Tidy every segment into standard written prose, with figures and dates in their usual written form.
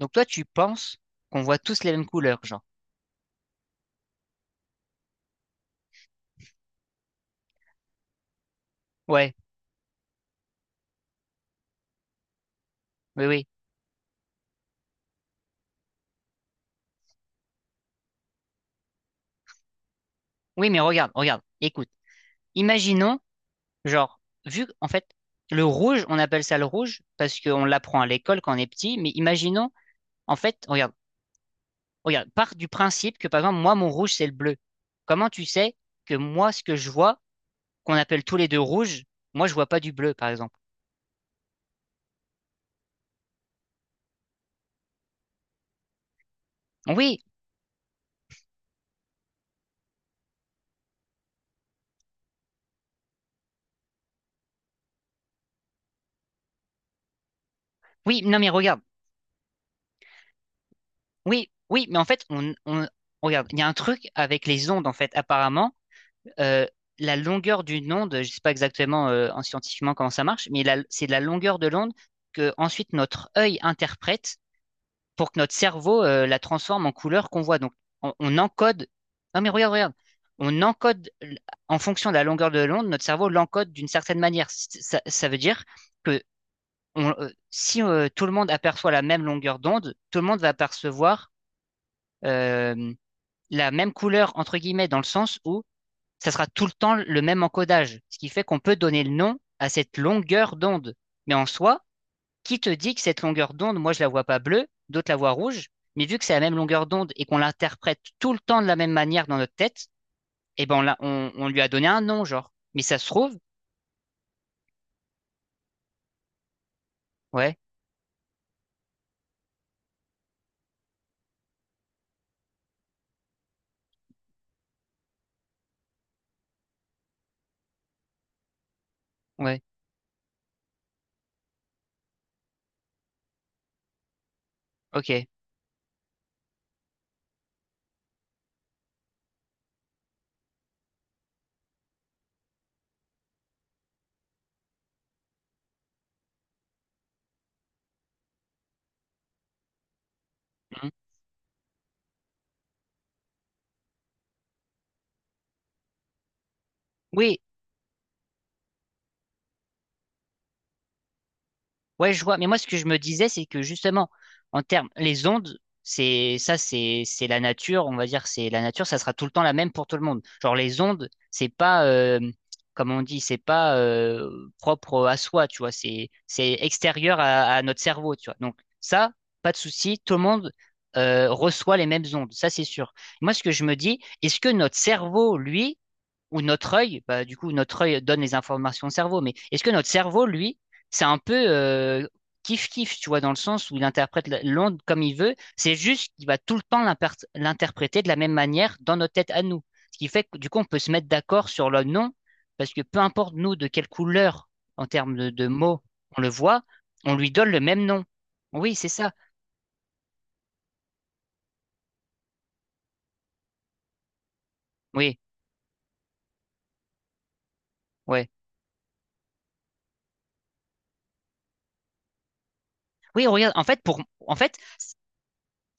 Donc toi, tu penses qu'on voit tous les mêmes couleurs, genre. Ouais, oui, oui. Oui, mais regarde, regarde, écoute. Imaginons, genre, vu, en fait, le rouge, on appelle ça le rouge parce qu'on l'apprend à l'école quand on est petit, mais imaginons, en fait, regarde, regarde, part du principe que, par exemple, moi, mon rouge, c'est le bleu. Comment tu sais que moi, ce que je vois, qu'on appelle tous les deux rouge, moi, je vois pas du bleu, par exemple. Oui, oui, non, mais regarde. Oui, oui, mais en fait, regarde, il y a un truc avec les ondes, en fait, apparemment euh, la longueur d'une onde, je sais pas exactement en scientifiquement comment ça marche, mais c'est la longueur de l'onde que ensuite notre œil interprète pour que notre cerveau la transforme en couleur qu'on voit. Donc on encode. Non mais regarde, regarde. On encode en fonction de la longueur de l'onde, notre cerveau l'encode d'une certaine manière. Ça, ça veut dire que si tout le monde aperçoit la même longueur d'onde, tout le monde va percevoir euh, la même couleur entre guillemets dans le sens où ça sera tout le temps le même encodage, ce qui fait qu'on peut donner le nom à cette longueur d'onde. Mais en soi, qui te dit que cette longueur d'onde, moi je la vois pas bleue, d'autres la voient rouge, mais vu que c'est la même longueur d'onde et qu'on l'interprète tout le temps de la même manière dans notre tête, eh ben on lui a donné un nom, genre. Mais ça se trouve, ouais, ouais, ok. Mhm. Oui, ouais, je vois. Mais moi, ce que je me disais, c'est que justement, en termes, les ondes, c'est ça, c'est la nature. On va dire, c'est la nature. Ça sera tout le temps la même pour tout le monde. Genre les ondes, c'est pas, comme on dit, c'est pas propre à soi. Tu vois, c'est extérieur à notre cerveau. Tu vois. Donc ça, pas de souci. Tout le monde reçoit les mêmes ondes. Ça, c'est sûr. Moi, ce que je me dis, est-ce que notre cerveau, lui, ou notre œil, bah, du coup, notre œil donne les informations au cerveau. Mais est-ce que notre cerveau, lui, c'est un peu kiff-kiff, tu vois, dans le sens où il interprète l'onde comme il veut, c'est juste qu'il va tout le temps l'interpréter de la même manière dans notre tête à nous. Ce qui fait que, du coup, on peut se mettre d'accord sur le nom, parce que peu importe nous de quelle couleur, en termes de mots, on le voit, on lui donne le même nom. Oui, c'est ça. Oui, ouais. Oui, regarde, en fait, pour, en fait.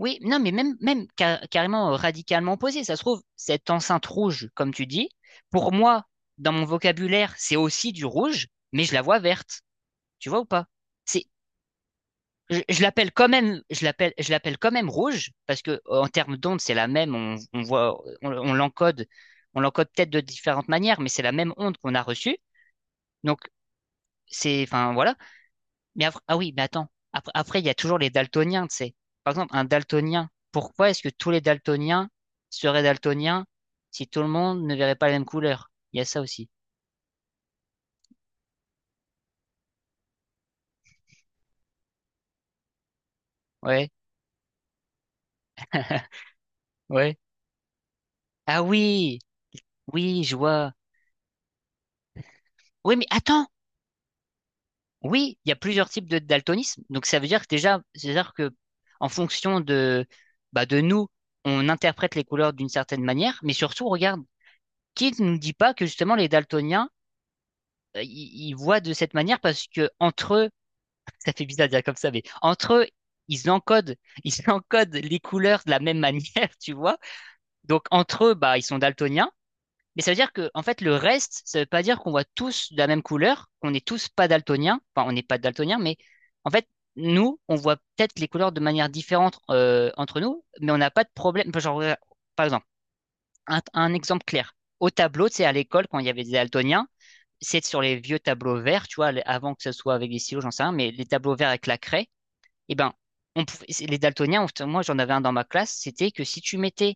Oui, non, mais même, même carrément radicalement opposé. Ça se trouve, cette enceinte rouge, comme tu dis, pour moi, dans mon vocabulaire, c'est aussi du rouge, mais je la vois verte. Tu vois ou pas? C'est, je l'appelle quand même, je l'appelle quand même rouge parce que en termes d'onde, c'est la même. On voit, on l'encode, on l'encode peut-être de différentes manières, mais c'est la même onde qu'on a reçue. Donc c'est, enfin voilà. Mais après, ah oui, mais attends. Après, après, il y a toujours les daltoniens, tu sais. Par exemple, un daltonien. Pourquoi est-ce que tous les daltoniens seraient daltoniens si tout le monde ne verrait pas la même couleur? Il y a ça aussi. Ouais, ouais. Ah oui, oui, je vois. Oui, mais attends. Oui, il y a plusieurs types de daltonisme. Donc ça veut dire que déjà, c'est-à-dire que en fonction de, bah, de nous, on interprète les couleurs d'une certaine manière. Mais surtout, regarde, qui ne nous dit pas que justement les daltoniens, ils voient de cette manière parce que entre eux, ça fait bizarre de dire comme ça, mais entre eux, ils encodent, ils encodent les couleurs de la même manière, tu vois. Donc entre eux, bah, ils sont daltoniens. Mais ça veut dire que, en fait, le reste, ça veut pas dire qu'on voit tous de la même couleur, qu'on n'est tous pas daltoniens. Enfin, on n'est pas daltoniens, mais en fait, nous, on voit peut-être les couleurs de manière différente entre nous, mais on n'a pas de problème. Genre, par exemple, un exemple clair. Au tableau, tu sais, à l'école, quand il y avait des daltoniens, c'est sur les vieux tableaux verts, tu vois, avant que ce soit avec des stylos, j'en sais rien, mais les tableaux verts avec la craie eh ben, les daltoniens, enfin, moi j'en avais un dans ma classe, c'était que si tu mettais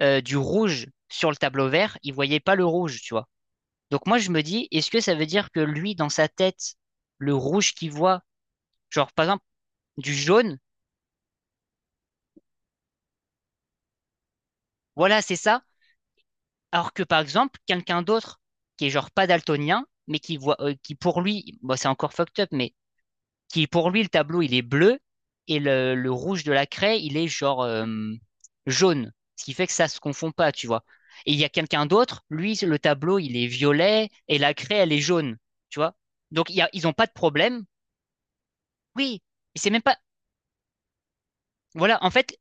du rouge sur le tableau vert, il voyait pas le rouge, tu vois. Donc moi je me dis, est-ce que ça veut dire que lui, dans sa tête, le rouge qu'il voit, genre par exemple du jaune, voilà, c'est ça, alors que par exemple quelqu'un d'autre qui est genre pas daltonien, mais qui voit, qui pour lui, bon, c'est encore fucked up, mais qui pour lui, le tableau, il est bleu et le rouge de la craie, il est genre jaune, ce qui fait que ça se confond pas, tu vois. Et il y a quelqu'un d'autre, lui, le tableau, il est violet et la craie, elle est jaune, tu vois. Donc ils ont pas de problème. Oui, mais c'est même pas. Voilà, en fait,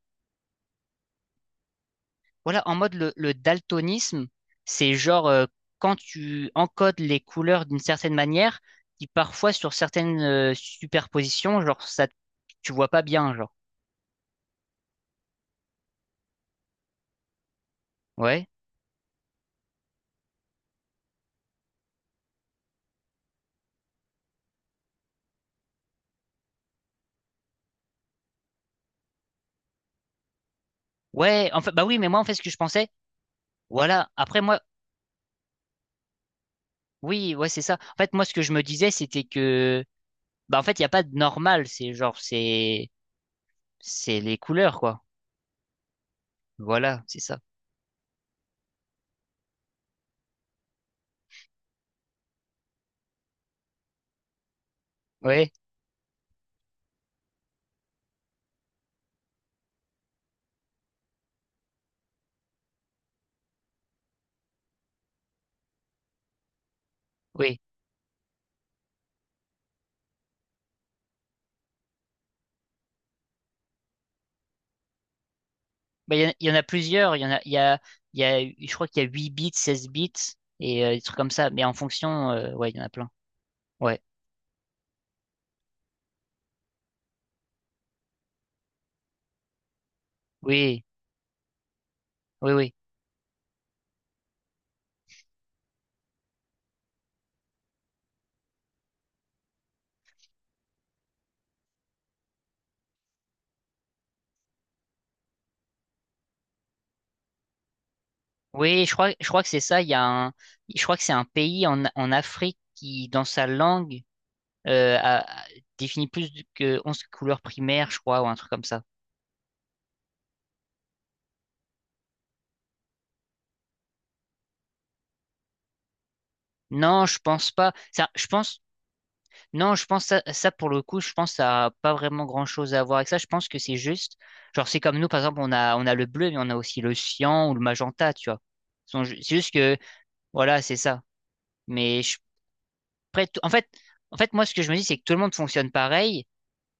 voilà, en mode le daltonisme, c'est genre quand tu encodes les couleurs d'une certaine manière, qui parfois sur certaines superpositions, genre ça, tu vois pas bien, genre. Ouais. Ouais, en fait, bah oui, mais moi, en fait, ce que je pensais, voilà. Après, moi, oui, ouais, c'est ça. En fait, moi, ce que je me disais, c'était que, bah, en fait, il n'y a pas de normal. C'est genre, c'est les couleurs, quoi. Voilà, c'est ça. Ouais, oui. Bah, il y en a plusieurs. Il y en a, il y a, il y a, je crois qu'il y a 8 bits, 16 bits et des trucs comme ça. Mais en fonction, ouais, il y en a plein. Ouais. Oui, oui, oui. Oui, je crois que c'est ça. Il y a un, je crois que c'est un pays en Afrique qui, dans sa langue, euh, a- définit plus que 11 couleurs primaires, je crois, ou un truc comme ça. Non, je pense pas. Ça, je pense. Non, je pense ça, ça pour le coup, je pense que ça a pas vraiment grand-chose à voir avec ça. Je pense que c'est juste, genre c'est comme nous par exemple, on a le bleu, mais on a aussi le cyan ou le magenta, tu vois. C'est juste que voilà, c'est ça. Mais je, après, en fait, moi ce que je me dis, c'est que tout le monde fonctionne pareil.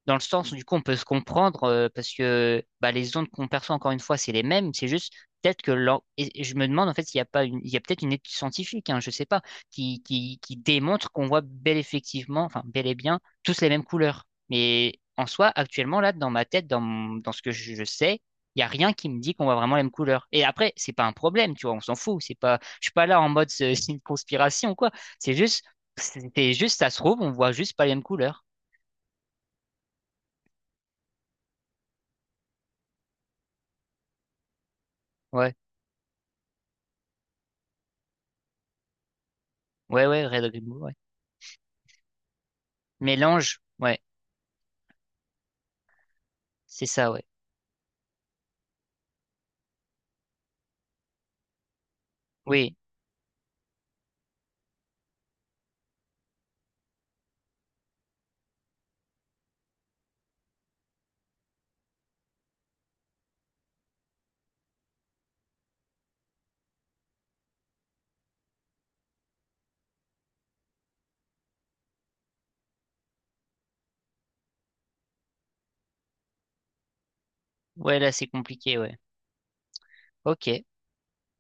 Dans le sens, où, du coup, on peut se comprendre parce que bah, les ondes qu'on perçoit, encore une fois, c'est les mêmes. C'est juste peut-être que et je me demande en fait s'il n'y a pas une. Il y a peut-être une étude scientifique, hein, je sais pas, qui démontre qu'on voit bel effectivement, enfin bel et bien, tous les mêmes couleurs. Mais en soi, actuellement, là, dans ma tête, dans ce que je sais, il n'y a rien qui me dit qu'on voit vraiment les mêmes couleurs. Et après, c'est pas un problème, tu vois, on s'en fout. C'est pas. Je suis pas là en mode c'est une conspiration ou quoi. C'est juste, c'était juste, ça se trouve, on voit juste pas les mêmes couleurs. Ouais. Ouais, ouais, Red Bull, ouais. Mélange, ouais, c'est ça, ouais. Oui, ouais, là, c'est compliqué, ouais. Ok.